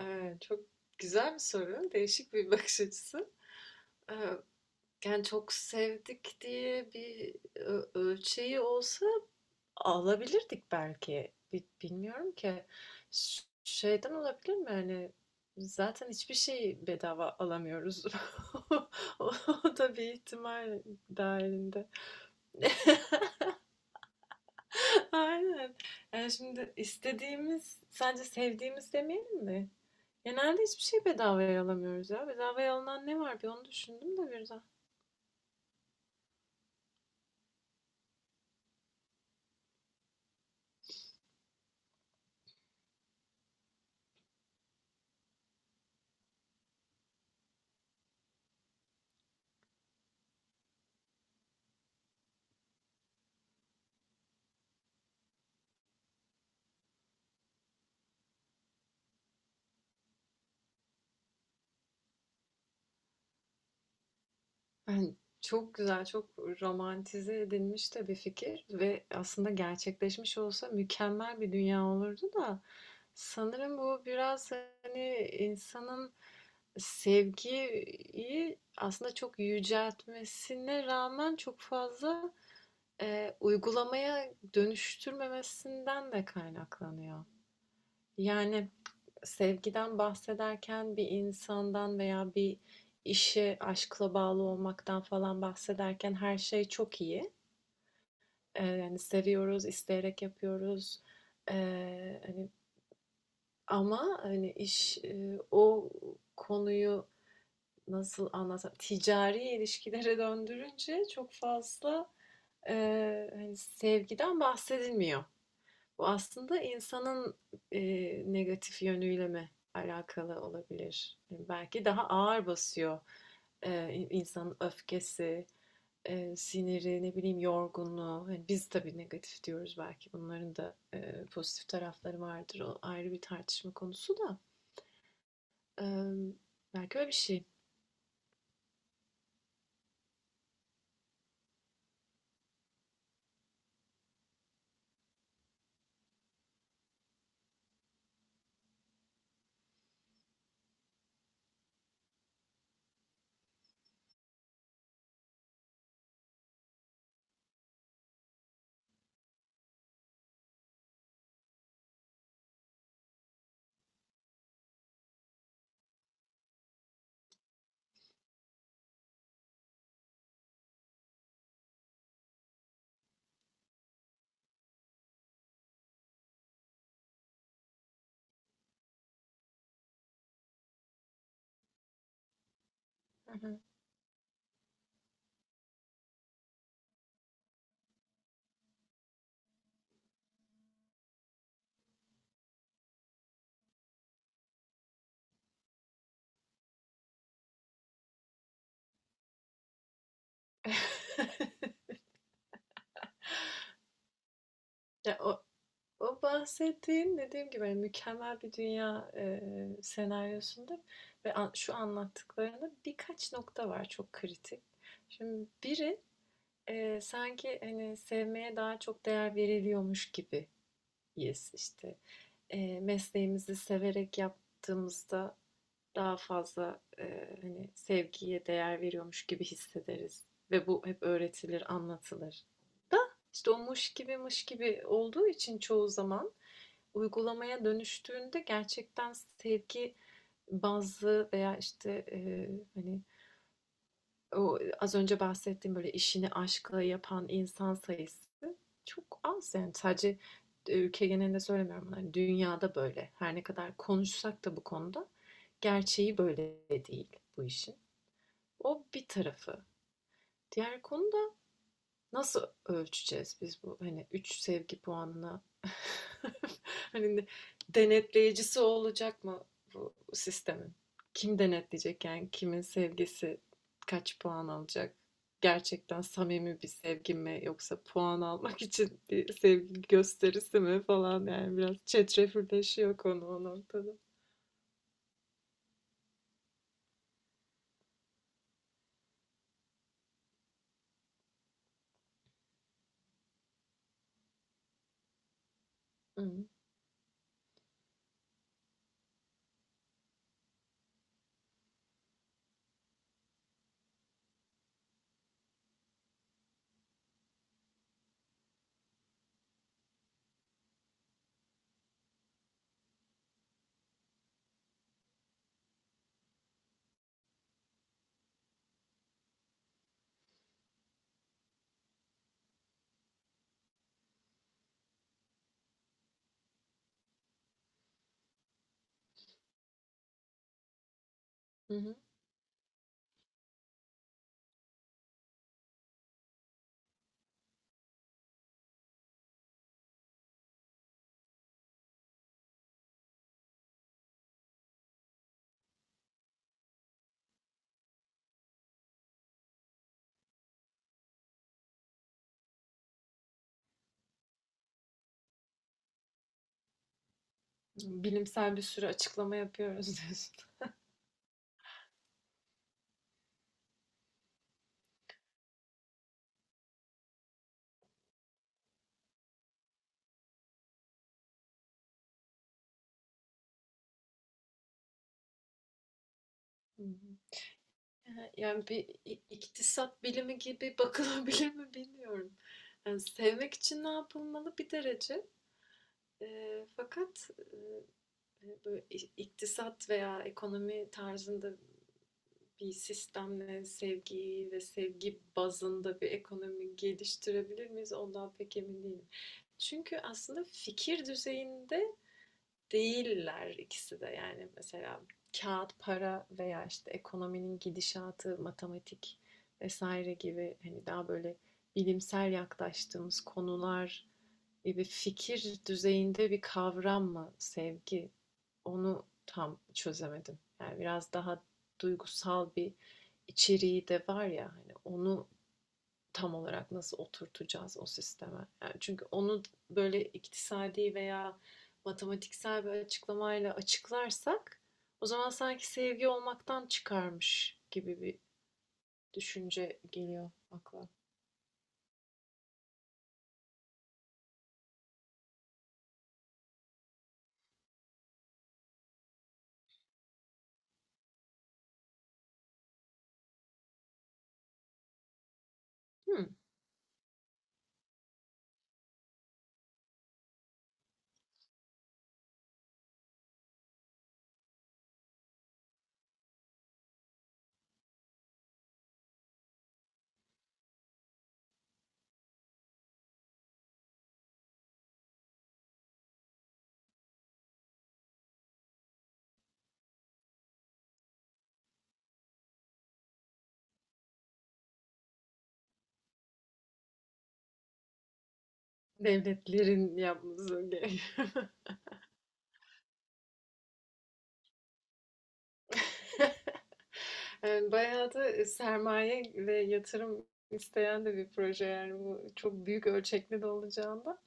Çok güzel bir soru. Değişik bir bakış açısı. Eee, Yani çok sevdik diye bir ölçeği olsa alabilirdik belki. Bilmiyorum ki. Şeyden olabilir mi? Yani zaten hiçbir şeyi bedava alamıyoruz. O o da bir ihtimal dahilinde. Aynen. Yani şimdi istediğimiz, sadece sevdiğimiz demeyelim mi? Genelde hiçbir şey bedavaya alamıyoruz ya. Bedavaya alınan ne var bir onu düşündüm de birden. Yani çok güzel, çok romantize edilmiş de bir fikir ve aslında gerçekleşmiş olsa mükemmel bir dünya olurdu da sanırım bu biraz hani insanın sevgiyi aslında çok yüceltmesine rağmen çok fazla uygulamaya dönüştürmemesinden de kaynaklanıyor. Yani sevgiden bahsederken bir insandan veya bir işe aşkla bağlı olmaktan falan bahsederken her şey çok iyi. Yani seviyoruz, isteyerek yapıyoruz. E, hani Ama hani iş o konuyu nasıl anlatsam ticari ilişkilere döndürünce çok fazla e, hani sevgiden bahsedilmiyor. Bu aslında insanın e, negatif yönüyle mi alakalı olabilir? Yani belki daha ağır basıyor insanın öfkesi, siniri, ne bileyim yorgunluğu. Hani biz tabii negatif diyoruz belki. Bunların da pozitif tarafları vardır. O ayrı bir tartışma konusu da. E, Belki öyle bir şey. Hı hı. Ya o, O bahsettiğin dediğim gibi hani mükemmel bir dünya senaryosunda ve şu anlattıklarında birkaç nokta var çok kritik. Şimdi biri sanki hani sevmeye daha çok değer veriliyormuş gibi yes işte mesleğimizi severek yaptığımızda daha fazla hani sevgiye değer veriyormuş gibi hissederiz ve bu hep öğretilir, anlatılır. İşte o muş gibi mış gibi olduğu için çoğu zaman uygulamaya dönüştüğünde gerçekten sevgi bazlı veya işte hani o az önce bahsettiğim böyle işini aşkla yapan insan sayısı çok az yani sadece ülke genelinde söylemiyorum bunu. Hani dünyada böyle her ne kadar konuşsak da bu konuda gerçeği böyle değil bu işin. O bir tarafı. Diğer konu, nasıl ölçeceğiz biz bu hani 3 sevgi puanına? Hani denetleyicisi olacak mı bu sistemin? Kim denetleyecek yani kimin sevgisi kaç puan alacak? Gerçekten samimi bir sevgi mi yoksa puan almak için bir sevgi gösterisi mi falan yani biraz çetrefilleşiyor konu o noktada. Hı hı. Bilimsel bir sürü açıklama yapıyoruz diyorsun. Ehe, yani bir iktisat bilimi gibi bakılabilir mi bilmiyorum. Yani sevmek için ne yapılmalı bir derece. Fakat böyle iktisat veya ekonomi tarzında bir sistemle sevgiyi ve sevgi bazında bir ekonomi geliştirebilir miyiz? Ondan pek emin değilim. Çünkü aslında fikir düzeyinde değiller ikisi de yani mesela kağıt para veya işte ekonominin gidişatı, matematik vesaire gibi hani daha böyle bilimsel yaklaştığımız konular gibi fikir düzeyinde bir kavram mı sevgi? Onu tam çözemedim. Yani biraz daha duygusal bir içeriği de var ya hani onu tam olarak nasıl oturtacağız o sisteme? Yani çünkü onu böyle iktisadi veya matematiksel bir açıklamayla açıklarsak o zaman sanki sevgi olmaktan çıkarmış gibi bir düşünce geliyor akla. Hmm. Devletlerin yapması gerekiyor. Yani bayağı da sermaye ve yatırım isteyen de bir proje yani bu çok büyük ölçekli de olacağında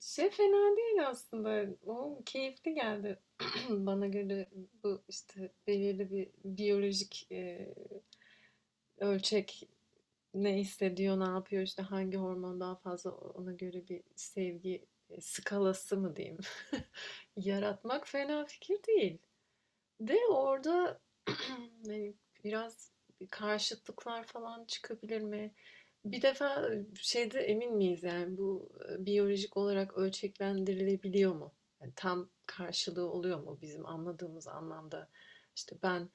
şey fena değil aslında. O keyifli geldi. Bana göre bu işte belirli bir biyolojik ölçek, ne hissediyor, ne yapıyor, işte hangi hormon daha fazla ona göre bir sevgi skalası mı diyeyim. Yaratmak fena fikir değil. De orada hani biraz karşıtlıklar falan çıkabilir mi? Bir defa şeyde emin miyiz yani bu biyolojik olarak ölçeklendirilebiliyor mu? Yani tam karşılığı oluyor mu bizim anladığımız anlamda? İşte ben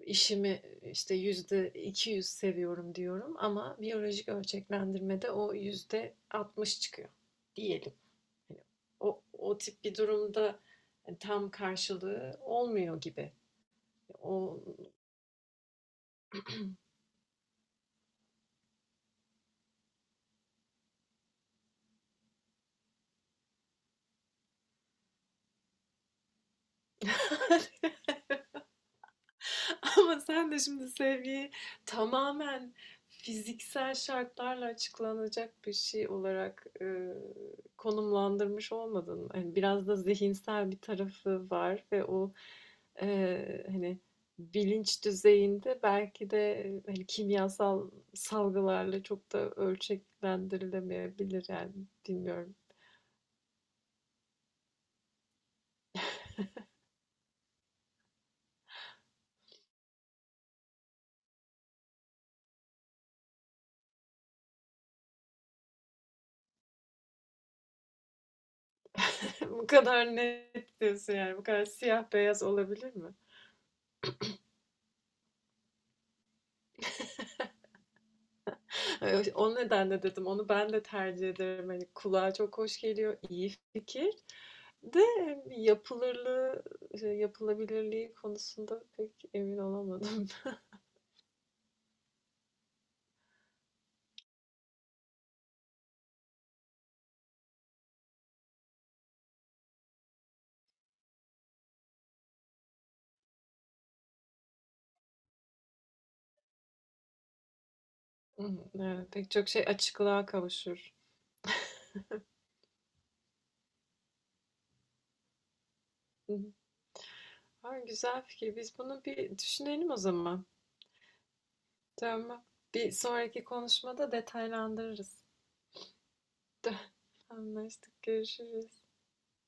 işimi işte %200 seviyorum diyorum ama biyolojik ölçeklendirmede o %60 çıkıyor diyelim. Hani o tip bir durumda hani tam karşılığı olmuyor gibi. O... Ama sen de şimdi sevgiyi tamamen fiziksel şartlarla açıklanacak bir şey olarak konumlandırmış olmadın. Yani biraz da zihinsel bir tarafı var ve o e, hani bilinç düzeyinde belki de hani kimyasal salgılarla çok da ölçeklendirilemeyebilir yani bilmiyorum. Bu kadar net diyorsun yani bu kadar siyah beyaz olabilir mi? Evet, o nedenle dedim onu ben de tercih ederim. Hani kulağa çok hoş geliyor, iyi fikir. De yapılırlığı, şey, yapılabilirliği konusunda pek emin olamadım. Evet, pek çok şey açıklığa kavuşur. Hı hı. Ha, güzel fikir. Biz bunu bir düşünelim o zaman. Tamam. Bir sonraki konuşmada detaylandırırız. Anlaştık. Görüşürüz.